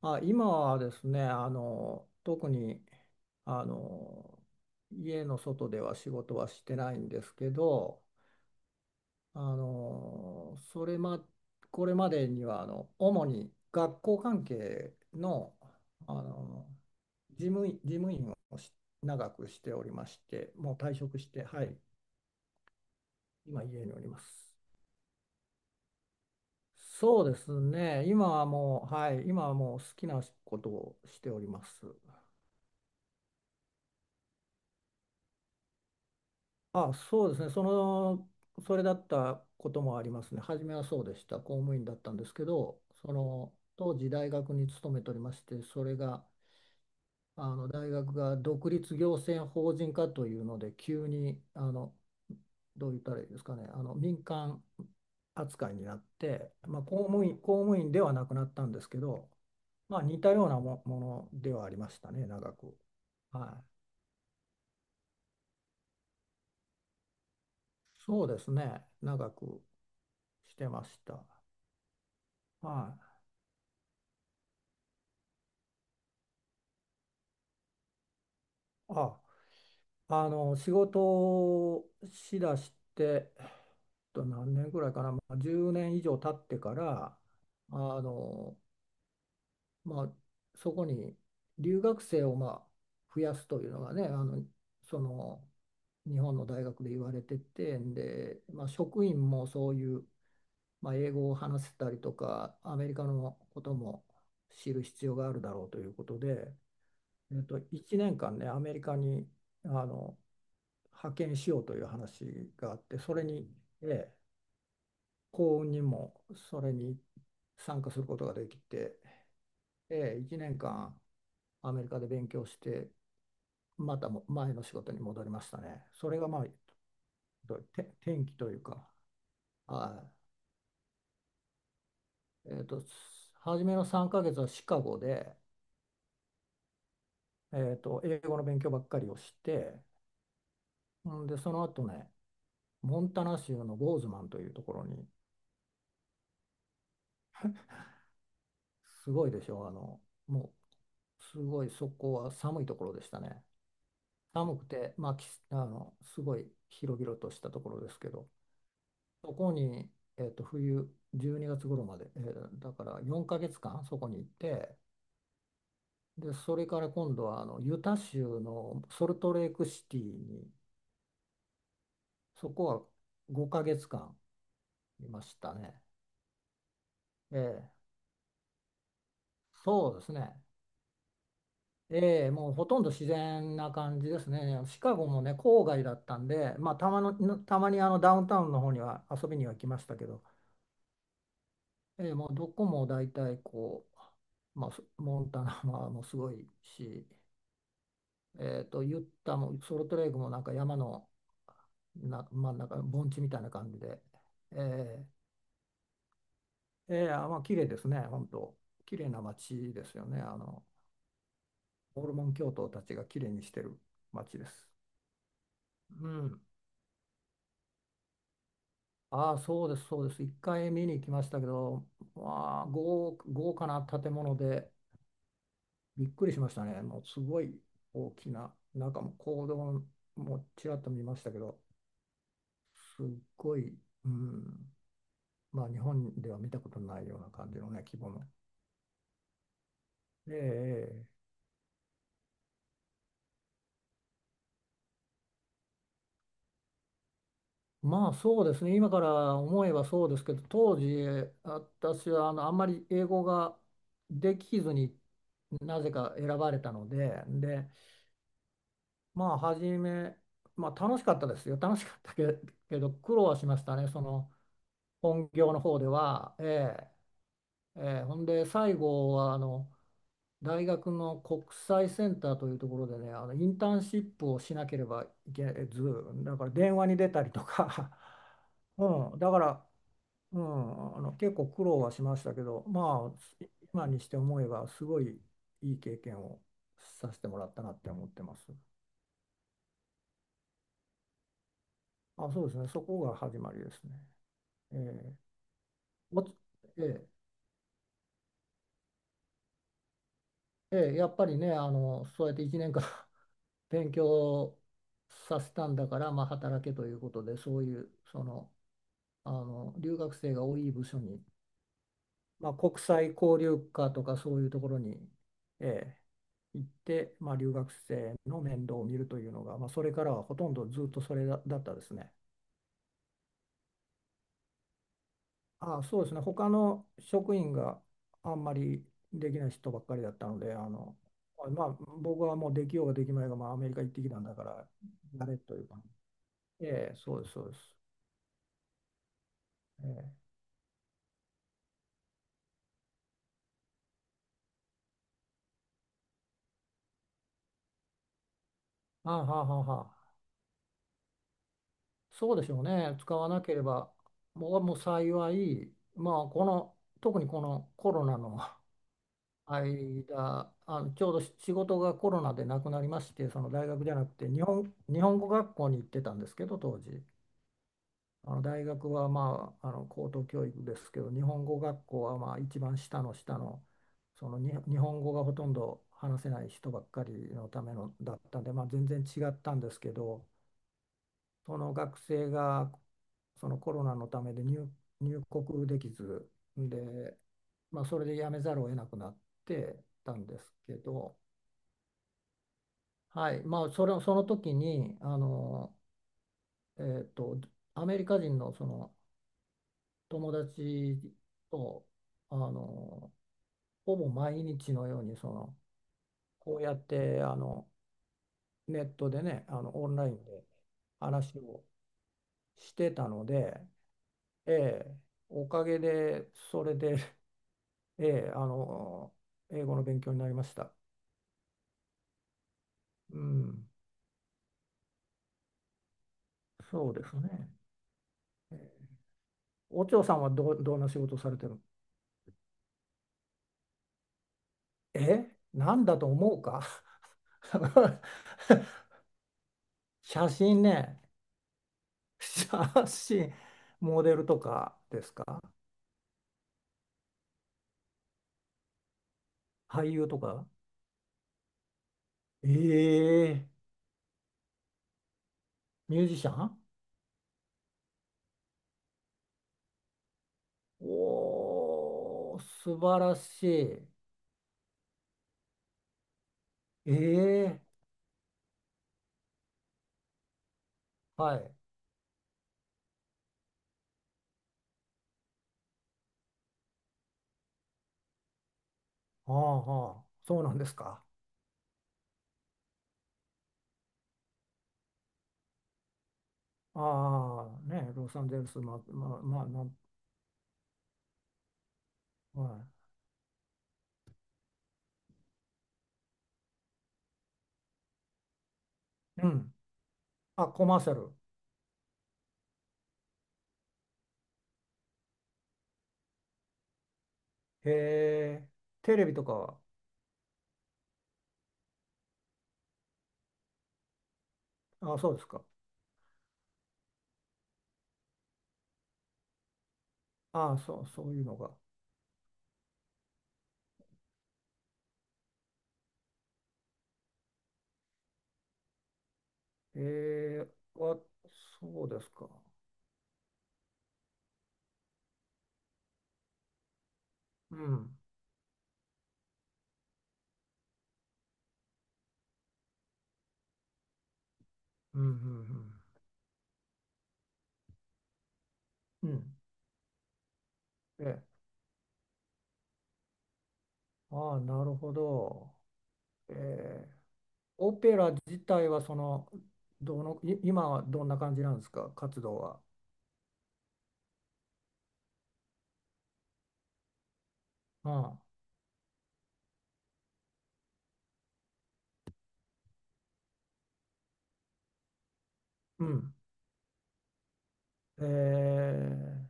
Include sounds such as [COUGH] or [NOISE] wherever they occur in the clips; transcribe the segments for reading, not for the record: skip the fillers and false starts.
あ、今はですね、特に、あの、家の外では仕事はしてないんですけど、あの、それま、これまでには、主に学校関係の、あの、事務員をし長くしておりまして、もう退職して、はい、今家におります。そうですね、今はもう、はい、今はもう好きなことをしております。あ、そうですね。それだったこともありますね。初めはそうでした。公務員だったんですけど、その当時大学に勤めておりまして、それが大学が独立行政法人化というので、急にどう言ったらいいですかね、民間扱いになって、まあ、公務員ではなくなったんですけど、まあ、似たようなものではありましたね、長く。はい。そうですね、長くしてました。はい。あ、仕事をしだして、何年ぐらいかな、まあ、10年以上経ってから、あの、まあ、そこに留学生を、まあ、増やすというのがね、その、日本の大学で言われてて、で、まあ、職員もそういう、まあ、英語を話せたりとか、アメリカのことも知る必要があるだろうということで、1年間ね、アメリカに、あの派遣しようという話があって、それに、ええ、幸運にもそれに参加することができて、ええ、1年間アメリカで勉強して、またも前の仕事に戻りましたね。それが、まあ、転機というか、はい。えーと、初めの3ヶ月はシカゴで、英語の勉強ばっかりをして、んで、その後ね、モンタナ州のボーズマンというところに、すごいでしょ、もすごいそこは寒いところでしたね。寒くて、まあ、きあのすごい広々としたところですけど、そこに、冬12月頃まで、だから4ヶ月間そこに行って、で、それから今度はユタ州のソルトレイクシティに、そこは5ヶ月間いましたね。ええそうですね。ええ、もうほとんど自然な感じですね。シカゴもね、郊外だったんで、まあ、たまにダウンタウンの方には遊びには来ましたけど、ええ、もうどこも大体こう、まあ、モンタナももうすごいし、ユッタもソルトレイクもなんか山の真ん中、盆地みたいな感じで、ええ、ええ、あ、まあ、綺麗ですね、本当。綺麗な街ですよね。ホルモン教徒たちが綺麗にしてる街です。うん。ああ、そうです、そうです。一回見に行きましたけど、まあ、豪華な建物でびっくりしましたね。もうすごい大きな、中もう講堂もちらっと見ましたけど、すっごい、うん、まあ、日本では見たことないような感じのね、規模の。ええ、ええまあそうですね、今から思えばそうですけど、当時、私はあんまり英語ができずになぜか選ばれたので、で、まあ初め、まあ、楽しかったですよ楽しかったけ、けど苦労はしましたねその本業の方では、ええええほんで最後はあの大学の国際センターというところでね、インターンシップをしなければいけず、だから電話に出たりとか、[LAUGHS] うん、だから、うん、結構苦労はしましたけどまあ今にして思えばすごいいい経験をさせてもらったなって思ってます。あ、そうですね。そこが始まりですね。ええもつええええやっぱりね、そうやって1年間 [LAUGHS] 勉強させたんだから、まあ、働けということで、そういう、留学生が多い部署に、まあ、国際交流課とかそういうところに、ええ行って、まあ、留学生の面倒を見るというのが、まあ、それからはほとんどずっとそれだったですね。あ、そうですね。他の職員があんまりできない人ばっかりだったので、まあ、僕はもうできようができまいが、まあ、アメリカ行ってきたんだから、やれというか。ええ、そうです、そうです。ええ、ああ、はあ、はあはあ、そうでしょうね。使わなければ、僕はもう幸い、まあ、この、特にこのコロナの [LAUGHS] 間、ちょうど仕事がコロナでなくなりまして、その大学じゃなくて、日本語学校に行ってたんですけど、当時。あの大学は、まあ、高等教育ですけど、日本語学校はまあ一番下の下の、そのに日本語がほとんど話せない人ばっかりのためのだったんで、まあ、全然違ったんですけど、その学生がそのコロナのためで入国できずで、まあ、それで辞めざるを得なくなってたんですけど、はいまあ、その時にえっと、アメリカ人の、その友達とあのほぼ毎日のようにこうやってネットでね、オンラインで話をしてたので、ええ、おかげでそれで、[LAUGHS] ええ、英語の勉強になりました。うん、そうですね。ええお嬢さんはどんな仕事をされてるの？え、なんだと思うか？ [LAUGHS] 写真ね。[LAUGHS] [LAUGHS] 写真、モデルとかですか？俳優とか？ええ、ミュージシャン？おー、素晴らしい。ええはい。ああ、はあ、そうなんですか。ああ、ね、ロサンゼルス、はい。うん。あ、コマーシャル。へえ、テレビとかは？あ、そうですか。ああ、そういうのが。ええ、わ、そうですか。うん、うん、うん、うん。うんえ、ああ、なるほど。えーオペラ自体はその、どの、い今はどんな感じなんですか、活動は？ああ、うん。えー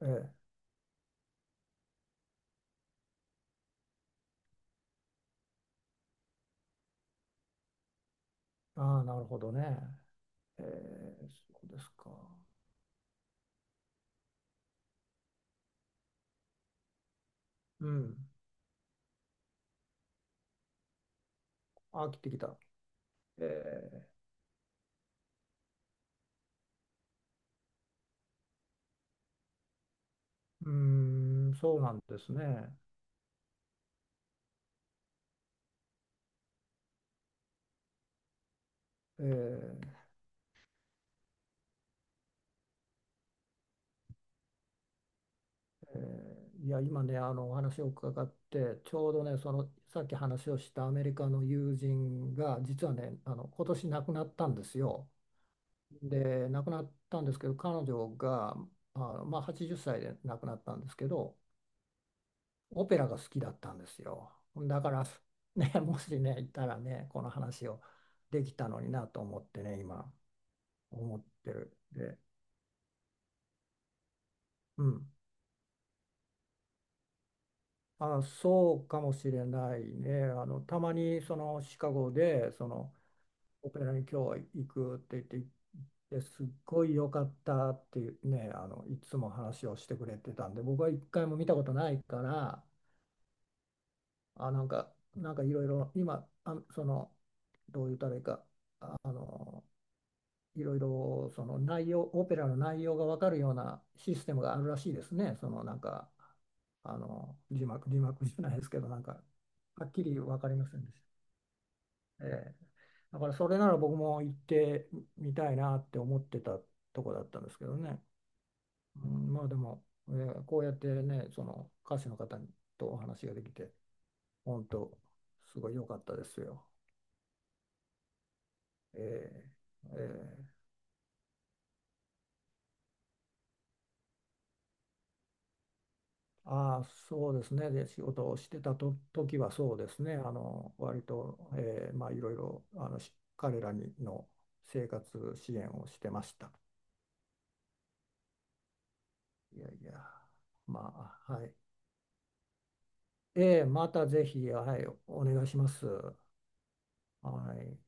えーああ、なるほどね。えーそうですか。うん。あ、切ってきた。えーうーん、そうなんですね。えーえーいや、今ね、お話を伺って、ちょうどね、その、さっき話をしたアメリカの友人が、実はね、今年亡くなったんですよ。で、亡くなったんですけど、彼女が、まあ、80歳で亡くなったんですけど、オペラが好きだったんですよ。だから、ね、[LAUGHS] もしね、いたらね、この話をできたのになと思ってね、今、思ってる。で、うん。あ、そうかもしれないね。たまに、シカゴで、オペラに今日行くって言ってで、すっごい良かったっていうね、いつも話をしてくれてたんで、僕は一回も見たことないから、あ、なんかいろいろ今どう言ったらいいか、あのいろいろその内容オペラの内容が分かるようなシステムがあるらしいですね、なんか字幕じゃないですけど、なんかはっきり分かりませんでした。ええだからそれなら僕も行ってみたいなって思ってたとこだったんですけどね。うん、まあでも、こうやってね、その歌手の方とお話ができて、本当、すごい良かったですよ。えーえー、ああ、そうですね。で、仕事をしてた時はそうですね。割と、まあいろいろ、彼らにの生活支援をしてました。いやいや、まあ、はい。ええ、またぜひ、はい、お願いします。はい。